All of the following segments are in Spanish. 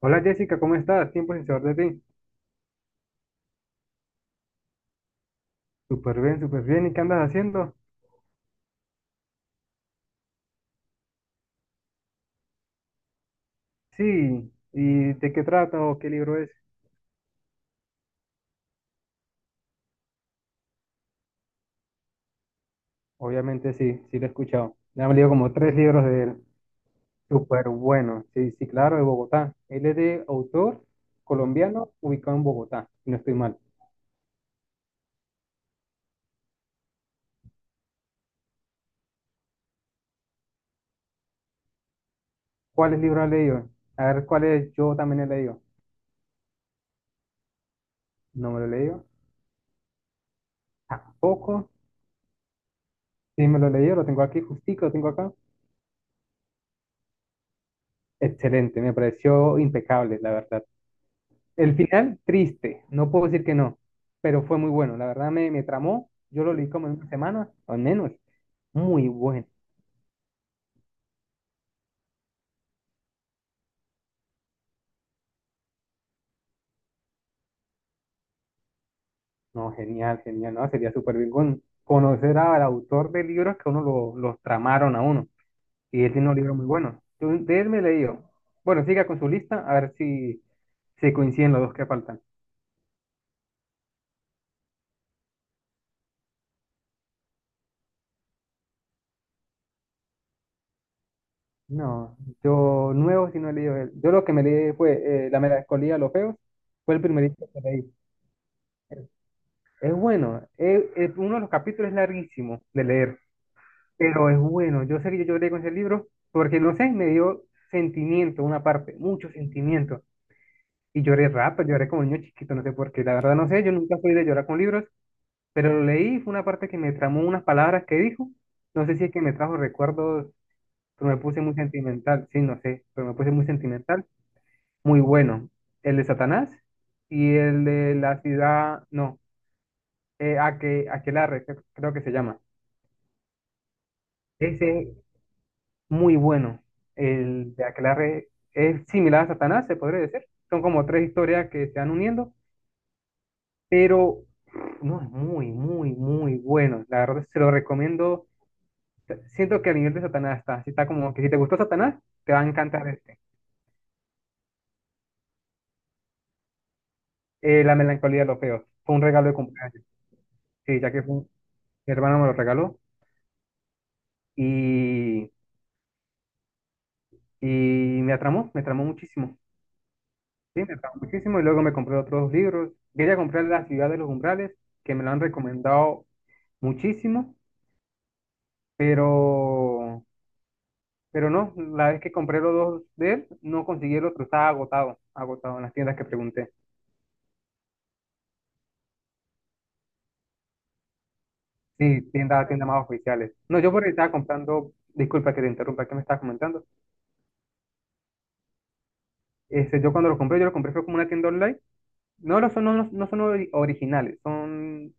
Hola Jessica, ¿cómo estás? Tiempo sin saber de ti. Súper bien, súper bien. ¿Y qué andas haciendo? Sí. ¿Y de qué trata o qué libro es? Obviamente sí, sí lo he escuchado. Me han leído como tres libros de él. Súper bueno. Sí, sí, claro, de Bogotá. Él es de autor colombiano ubicado en Bogotá, si no estoy mal. ¿Cuáles libros has leído? A ver, ¿cuáles yo también he leído? No me lo he leído. Tampoco. Sí, me lo he leído, lo tengo aquí justico, lo tengo acá. Excelente, me pareció impecable, la verdad. El final, triste, no puedo decir que no, pero fue muy bueno, la verdad me tramó, yo lo leí como en una semana, o menos, muy bueno, no, genial, genial, no, sería súper bien conocer al autor de libros que uno lo, los tramaron a uno, y él tiene un libro muy bueno. Yo de él me he leído, bueno, siga con su lista, a ver si, si coinciden los dos que faltan. No, yo nuevo si no he leído él, yo lo que me leí fue La melancolía de los feos, fue el primerito que leí. Es bueno, uno de los capítulos es larguísimo de leer, pero es bueno. Yo sé que yo lloré con ese libro porque, no sé, me dio sentimiento, una parte, mucho sentimiento. Y lloré rápido, lloré como niño chiquito, no sé por qué. La verdad no sé, yo nunca fui de llorar con libros, pero lo leí, fue una parte que me tramó unas palabras que dijo. No sé si es que me trajo recuerdos, pero me puse muy sentimental. Sí, no sé, pero me puse muy sentimental. Muy bueno. El de Satanás y el de la ciudad, no, Aquelarre, creo que se llama. Ese es muy bueno. El de Aquelarre es similar a Satanás, se podría decir. Son como tres historias que se van uniendo, pero no es muy, muy, muy bueno. La verdad, se lo recomiendo. Siento que a nivel de Satanás está. Si está como que si te gustó Satanás, te va a encantar este. La melancolía de los feos. Fue un regalo de cumpleaños. Sí, ya que mi hermano me lo regaló y, y me atramó muchísimo. Sí, me pagó muchísimo y luego me compré otros dos libros. Quería comprar La ciudad de los umbrales, que me lo han recomendado muchísimo, pero, pero no, la vez que compré los dos de él, no conseguí el otro, estaba agotado, agotado en las tiendas que pregunté. Sí, tiendas, tiendas más oficiales. No, yo por ahí estaba comprando, disculpa que te interrumpa, ¿qué me estabas comentando? Este, yo cuando lo compré, yo lo compré fue como una tienda online. No, no son originales, son,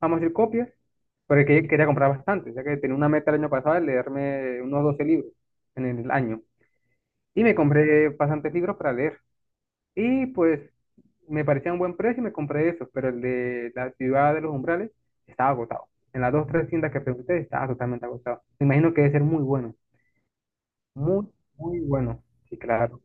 vamos a decir, copias, pero que quería comprar bastante, ya que tenía una meta el año pasado de leerme unos 12 libros en el año. Y me compré bastantes libros para leer. Y pues me parecía un buen precio y me compré esos, pero el de la ciudad de los umbrales estaba agotado. En las dos tres tiendas que pregunté estaba totalmente agotado. Me imagino que debe ser muy bueno, muy, muy bueno. Sí, claro.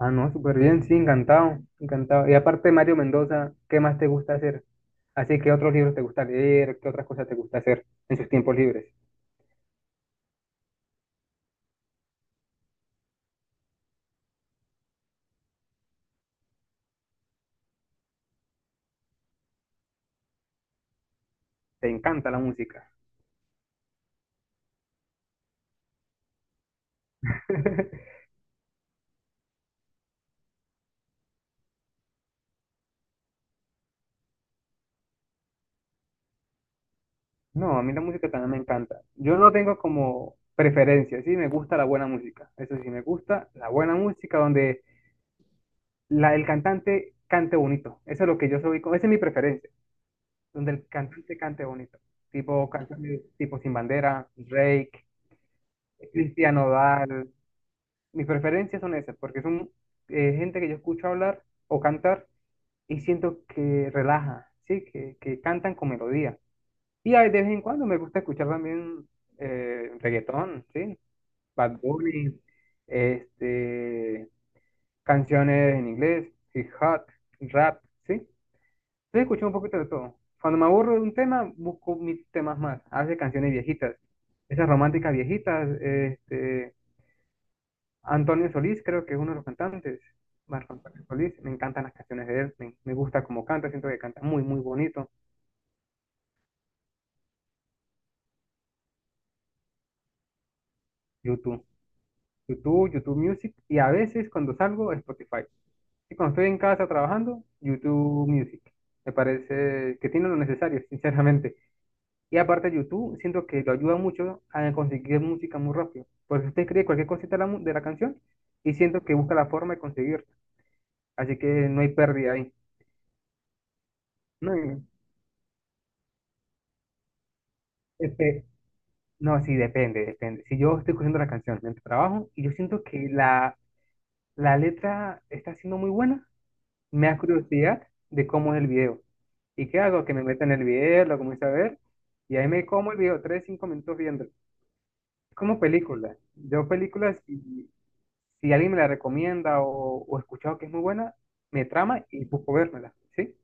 Ah, no, súper bien, sí, encantado, encantado. Y aparte de Mario Mendoza, ¿qué más te gusta hacer? Así, ¿qué otros libros te gusta leer? ¿Qué otras cosas te gusta hacer en sus tiempos libres? ¿Te encanta la música? No, a mí la música también me encanta. Yo no tengo como preferencia, sí, me gusta la buena música. Eso sí, me gusta la buena música donde el cantante cante bonito. Eso es lo que yo soy, esa es mi preferencia, donde el cantante cante bonito. Tipo canciones tipo Sin Bandera, Drake, Cristian Nodal. Mis preferencias son esas, porque son gente que yo escucho hablar o cantar y siento que relaja, ¿sí? Que cantan con melodía. Y hay de vez en cuando me gusta escuchar también reggaetón, ¿sí? Bad Bunny, este, canciones en inglés, hip hop, rap, ¿sí? Entonces escucho un poquito de todo. Cuando me aburro de un tema, busco mis temas más. A veces canciones viejitas, esas románticas viejitas, este Antonio Solís, creo que es uno de los cantantes. Marco Antonio Solís, me encantan las canciones de él, me gusta cómo canta, siento que canta muy, muy bonito. YouTube, YouTube, YouTube Music, y a veces cuando salgo, Spotify. Y cuando estoy en casa trabajando, YouTube Music. Me parece que tiene lo necesario, sinceramente. Y aparte, YouTube siento que lo ayuda mucho a conseguir música muy rápido. Porque usted escribe cualquier cosita de la, de la canción y siento que busca la forma de conseguirla. Así que no hay pérdida ahí. No, hay- este, No, sí, depende, depende. Si yo estoy cogiendo la canción mientras trabajo y yo siento que la letra está siendo muy buena, me da curiosidad de cómo es el video. ¿Y qué hago? Que me meta en el video, lo comienzo a ver y ahí me como el video, tres, cinco minutos viendo. Es como películas. Yo películas, si, si alguien me la recomienda o he escuchado que es muy buena, me trama y busco vérmela, ¿sí?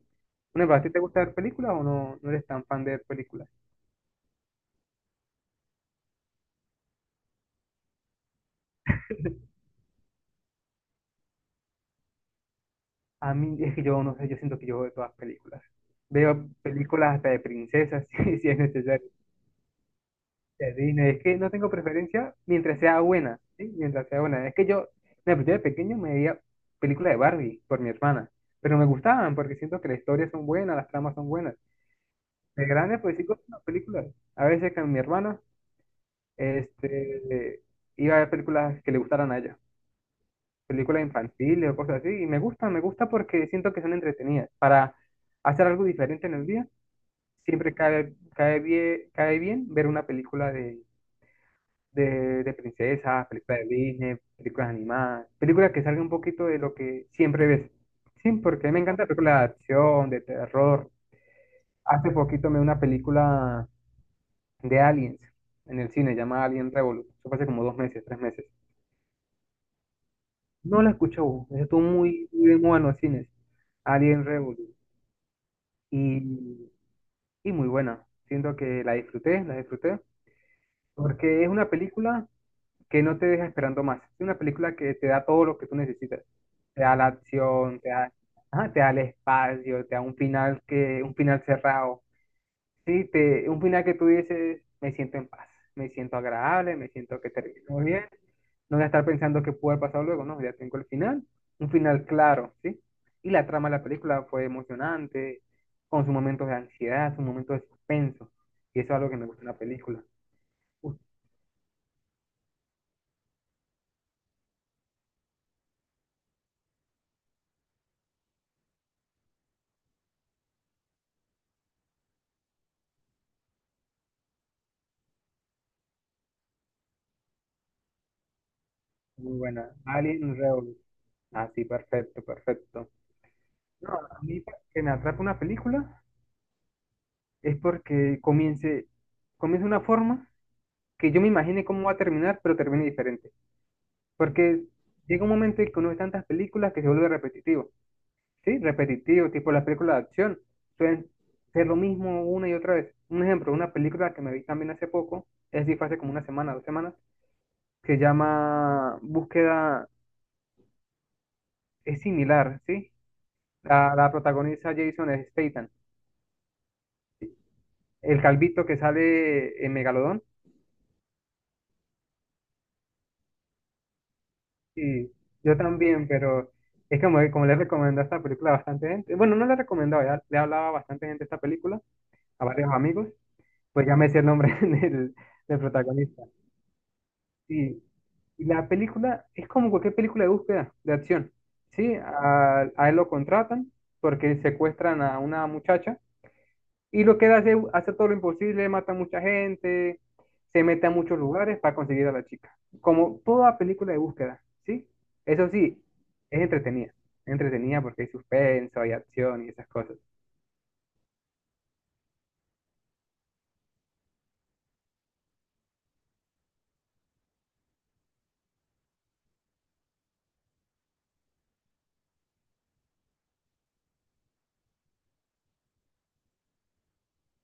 Bueno, ¿a ti te gusta ver películas o no, no eres tan fan de ver películas? A mí es que yo no sé, yo siento que yo veo todas películas. Veo películas hasta de princesas, si, si es necesario. De Disney. Es que no tengo preferencia mientras sea buena, ¿sí? Mientras sea buena. Es que yo, mira, pues yo de pequeño me veía películas de Barbie por mi hermana, pero me gustaban porque siento que las historias son buenas, las tramas son buenas. De grande, pues sí, con las películas. A veces con mi hermana, este, iba a ver películas que le gustaran a ella. Películas infantiles o cosas así, y me gusta porque siento que son entretenidas. Para hacer algo diferente en el día, siempre cae, cae bien ver una película de princesas, películas de Disney, películas animadas, películas que salgan un poquito de lo que siempre ves. Sí, porque me encanta películas de acción, de terror. Hace poquito me vi una película de Aliens en el cine, llamada Alien Revolution. Eso fue hace como dos meses, tres meses. No la escuchó, estuvo muy, muy de moda en los cines. Alien Revolution. y, y muy buena. Siento que la disfruté, porque es una película que no te deja esperando más. Es una película que te da todo lo que tú necesitas. Te da la acción, te da, ajá, te da el espacio, te da un final que, un final cerrado. Sí, te, un final que tú dices, me siento en paz, me siento agradable, me siento que terminó bien, no voy a estar pensando qué puede pasar luego, no, ya tengo el final, un final claro, ¿sí? Y la trama de la película fue emocionante, con sus momentos de ansiedad, sus momentos de suspenso, y eso es algo que me gusta en la película. Uf, muy buena. Alien Revolution. Así, perfecto, perfecto. No, a mí para que me atrape una película es porque comience, comience de una forma que yo me imagine cómo va a terminar, pero termine diferente. Porque llega un momento en que uno ve tantas películas que se vuelve repetitivo. Sí, repetitivo, tipo las películas de acción, suelen ser lo mismo una y otra vez. Un ejemplo, una película que me vi también hace poco, es decir, fue hace como una semana, dos semanas, se llama Búsqueda, es similar, ¿sí? La protagoniza Jason Statham, el calvito que sale en Megalodón, y yo también, pero es como, como le recomendé esta película a bastante gente, bueno, no le recomendaba, ya le hablaba a bastante gente esta película, a varios amigos, pues ya me decía el nombre del protagonista. Sí, y la película es como cualquier película de búsqueda, de acción. Sí, a él lo contratan porque secuestran a una muchacha y lo que él hace, hace todo lo imposible, mata a mucha gente, se mete a muchos lugares para conseguir a la chica. Como toda película de búsqueda, ¿sí? Eso sí, es entretenida. Es entretenida porque hay suspenso, hay acción y esas cosas.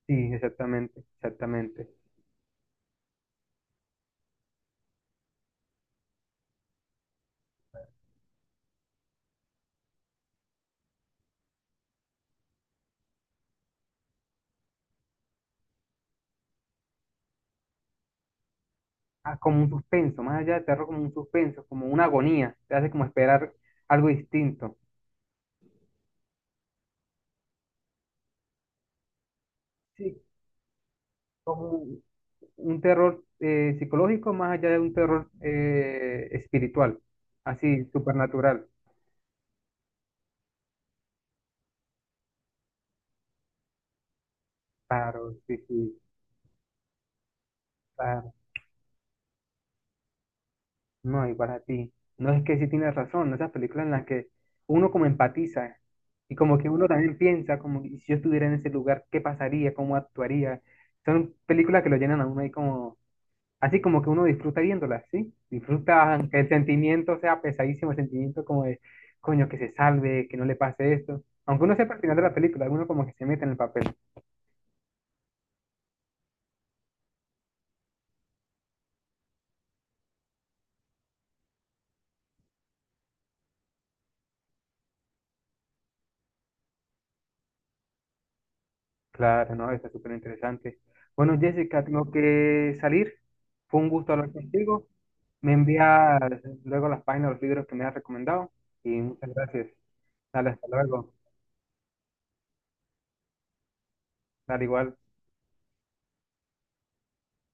Sí, exactamente, exactamente. Ah, como un suspenso, más allá de terror, como un suspenso, como una agonía. Te hace como esperar algo distinto. Sí, como un terror psicológico más allá de un terror espiritual, así, supernatural. Claro, sí, sí, claro. No, y para ti. No es que sí tienes razón, esas películas en las que uno como empatiza y como que uno también piensa, como que si yo estuviera en ese lugar, ¿qué pasaría? ¿Cómo actuaría? Son películas que lo llenan a uno ahí como. Así como que uno disfruta viéndolas, ¿sí? Disfruta aunque el sentimiento sea pesadísimo, el sentimiento como de, coño, que se salve, que no le pase esto. Aunque uno sepa al final de la película, uno como que se mete en el papel. Claro, no, está súper interesante. Bueno, Jessica, tengo que salir. Fue un gusto hablar contigo. Me envías luego las páginas, los libros que me has recomendado. Y muchas gracias. Dale, hasta luego. Dale igual.